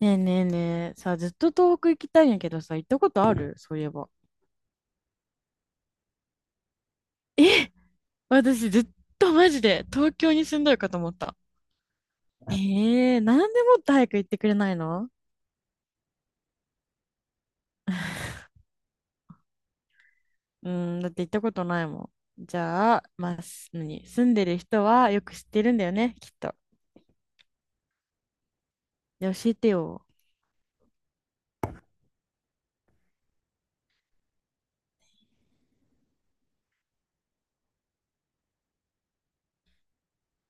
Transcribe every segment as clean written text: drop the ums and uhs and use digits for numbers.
ねえねえねえ、さあ、ずっと東北行きたいんやけどさ、行ったことある？そういえば。私ずっとマジで東京に住んどるかと思った。ええ、なんでもっと早く行ってくれないの？うん、だって行ったことないもん。じゃあ、まあ、何、住んでる人はよく知ってるんだよね、きっと。で、教えてよ。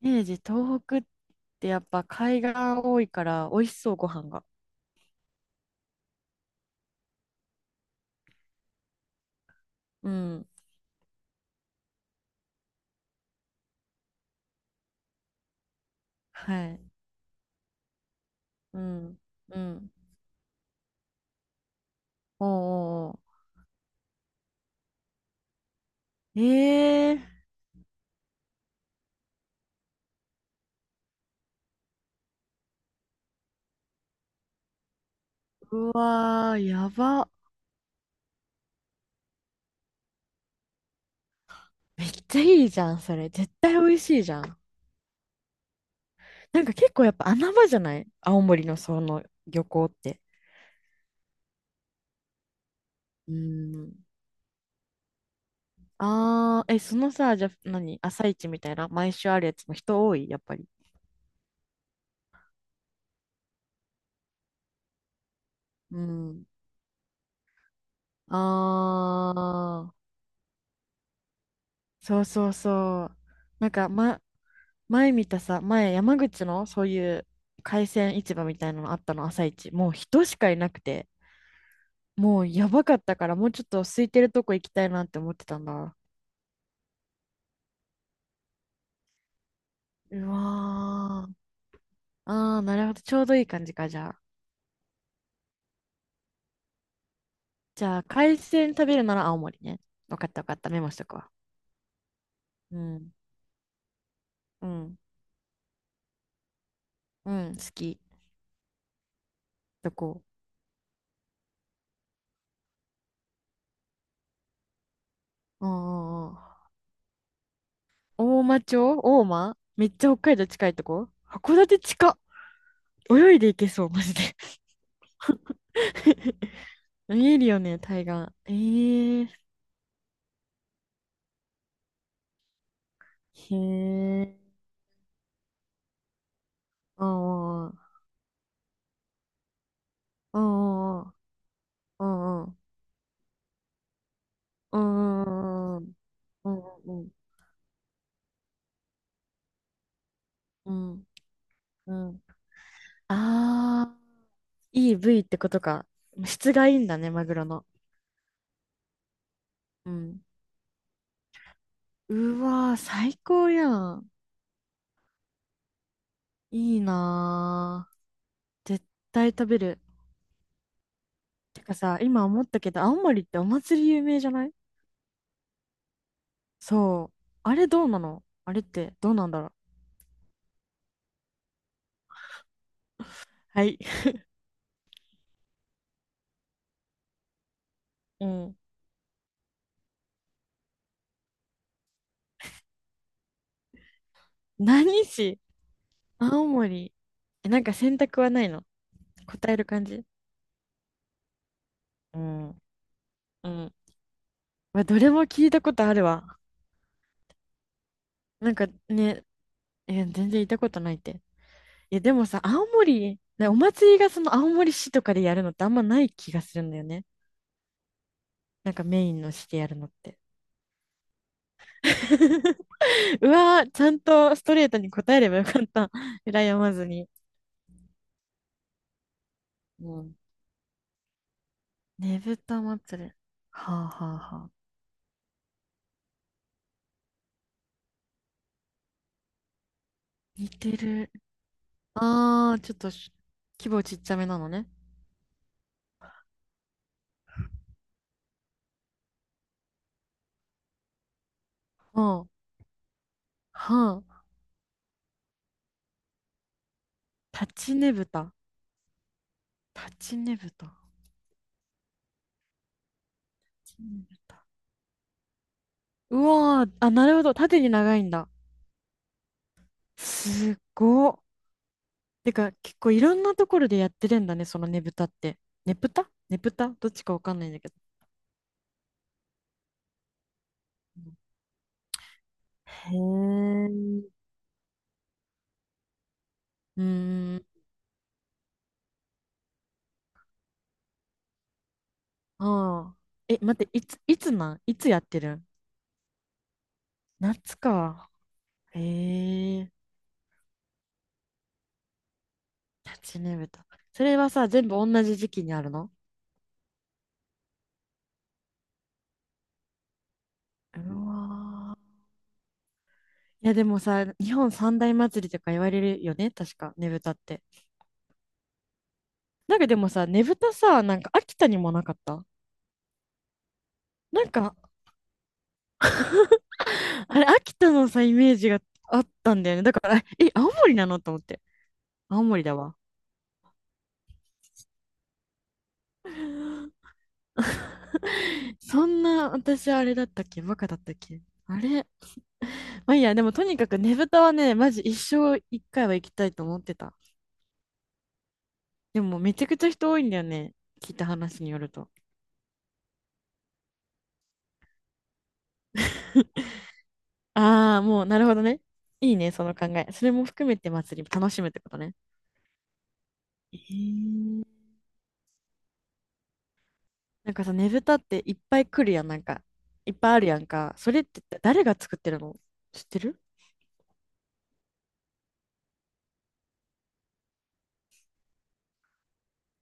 イメージ、東北ってやっぱ海岸多いから美味しそう、ご飯が。うん、はい。うん、うん。おうおうおう。ええー、うわー、やば。めっちゃいいじゃん、それ。絶対美味しいじゃん。なんか結構やっぱ穴場じゃない？青森のその漁港って。うーん。あー、え、そのさ、じゃあ、何、朝市みたいな、毎週あるやつも人多い、やっぱり？うん。あー、そうそうそう。なんか、前見たさ、前山口のそういう海鮮市場みたいなのあったの、朝市。もう人しかいなくて、もうやばかったから、もうちょっと空いてるとこ行きたいなって思ってたんだ。うわー。ああ、なるほど。ちょうどいい感じか。じゃあ、海鮮食べるなら青森ね。分かった分かった、メモしとくわ。うん、うん、うん。好き。どこ？ああ。大町。大間めっちゃ北海道近いとこ、函館近。泳いで行けそうマジで。見えるよね、海岸。えへ。うん、うん、うん、うん、うん、うん、うん、うん、うん、うん、うん、うん、うん。ああ。いい部位ってことか。質がいいんだね、マグロの。うん。うわー、最高やん。いいなー。絶対食べる。てかさ、今思ったけど、青森ってお祭り有名じゃない？そう。あれどうなの？あれってどうなんだろう。はい。うん。何市？青森。え、なんか選択はないの？答える感じ？うん。うん。まどれも聞いたことあるわ。なんかね、え、全然いたことないって。いや、でもさ、青森、お祭りがその青森市とかでやるのってあんまない気がするんだよね。なんかメインの市でやるのって。うわー、ちゃんとストレートに答えればよかった。羨まずに。うん。ねぶた祭り。はあはあはあ。似てる。あー、ちょっと、規模ちっちゃめなのね。はあ、はあ。立ちねぶた。立ちねぶた。立ちねぶた。うわー、あ、なるほど。縦に長いんだ。すごっ。てか、結構いろんなところでやってるんだね、そのねぶたって。ねぶたねぶたどっちかわかんないんだけど。へえ。うん。うーん。ああ。え、待って、いつやってるん？夏か。へえ。夏ねぶた。それはさ、全部同じ時期にあるの？うわー。いや、でもさ、日本三大祭りとか言われるよね、確か、ねぶたって。なんかでもさ、ねぶたさ、なんか秋田にもなかった？なんか あれ、秋田のさ、イメージがあったんだよね。だから、え、青森なのと思って。青森だわ。そんな、私あれだったっけ？バカだったっけ？あれ、まあいいや、でもとにかくねぶたはね、マジ一生一回は行きたいと思ってた。でもめちゃくちゃ人多いんだよね。聞いた話によると。ああ、もうなるほどね。いいね、その考え。それも含めて祭り楽しむってことね。へえ。なんかさ、ねぶたっていっぱい来るやん、なんか。いっぱいあるやんか。それって誰が作ってるの？知ってる？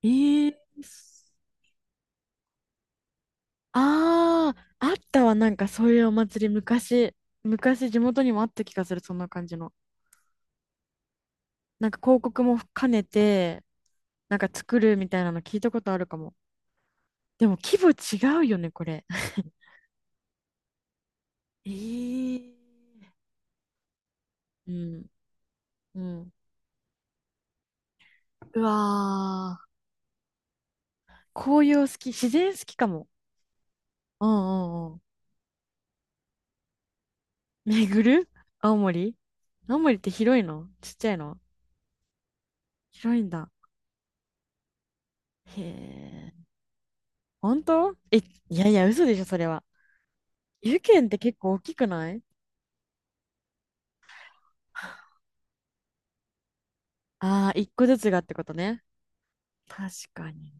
えー、ああ、あったわ、なんかそういうお祭り、昔、昔地元にもあった気がする、そんな感じの。なんか広告も兼ねて、なんか作るみたいなの聞いたことあるかも。でも規模違うよね、これ。えー、うん、うん。うわー、紅葉好き、自然好きかも。うん、うん、うん。巡る？青森？青森って広いの？ちっちゃいの？広いんだ。へえ。本当？え、いやいや、嘘でしょ、それは。湯県って結構大きくない？あ あー、一個ずつがってことね。確かに。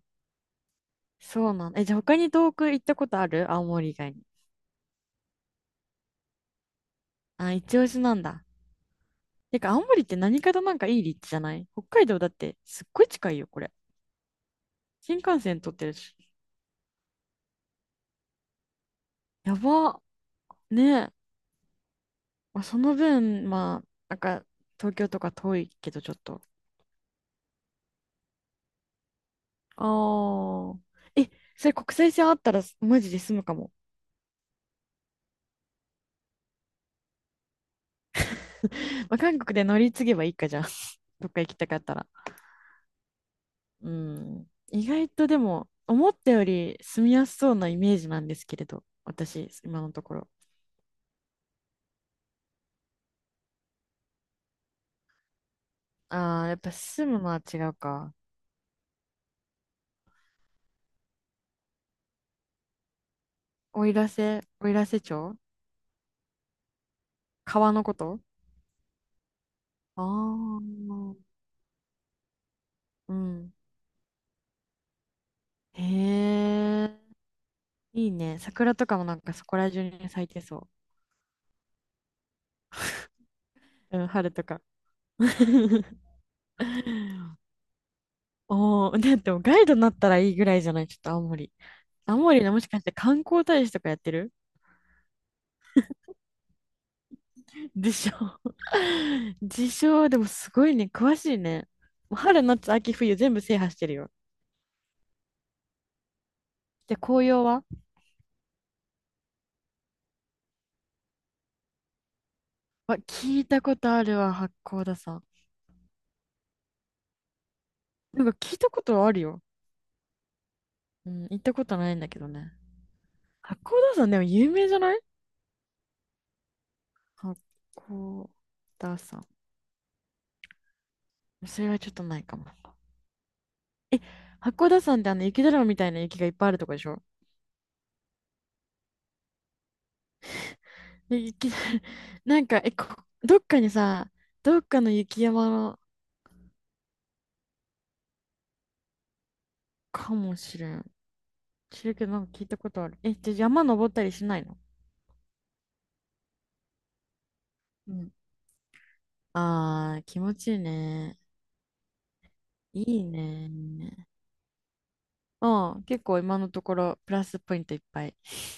そうなんだ。え、じゃあ他に遠く行ったことある？青森以外に。あ、一押しなんだ。てか、青森って何かとなんかいい立地じゃない？北海道だってすっごい近いよ、これ。新幹線通ってるし。やば。ねえ。まあ、その分、まあ、なんか、東京とか遠いけど、ちょっと。ああ。え、それ国際線あったらマジで済むかも。まあ、韓国で乗り継げばいいかじゃん。どっか行きたかったら。うん。意外とでも、思ったより住みやすそうなイメージなんですけれど、私、今のところ。ああ、やっぱ住むのは違うか。おいらせ、おいらせ町？川のこと？ああ。うん。へえ、いいね。桜とかもなんかそこら中に咲いてそう。うん、春とか。おー、だってもうガイドになったらいいぐらいじゃない？ちょっと青森。青森のもしかして観光大使とかやってる？でしょ？ 自称、でもすごいね、詳しいね。もう春、夏、秋、冬全部制覇してるよ。じゃあ紅葉は？わ、聞いたことあるわ、八甲田山。なんか聞いたことはあるよ。うん、行ったことないんだけどね。八甲田山でも有名じゃない？八甲田山。それはちょっとないかも。え、八甲田山ってあの雪だるまみたいな雪がいっぱいあるとこでしょ？で雪 なんか、え、どっかにさ、どっかの雪山かもしれん。知るけど、なんか聞いたことある。え、じゃあ山登ったりしないの？うん。あー、気持ちいいね。いいね。うん、結構今のところプラスポイントいっぱい。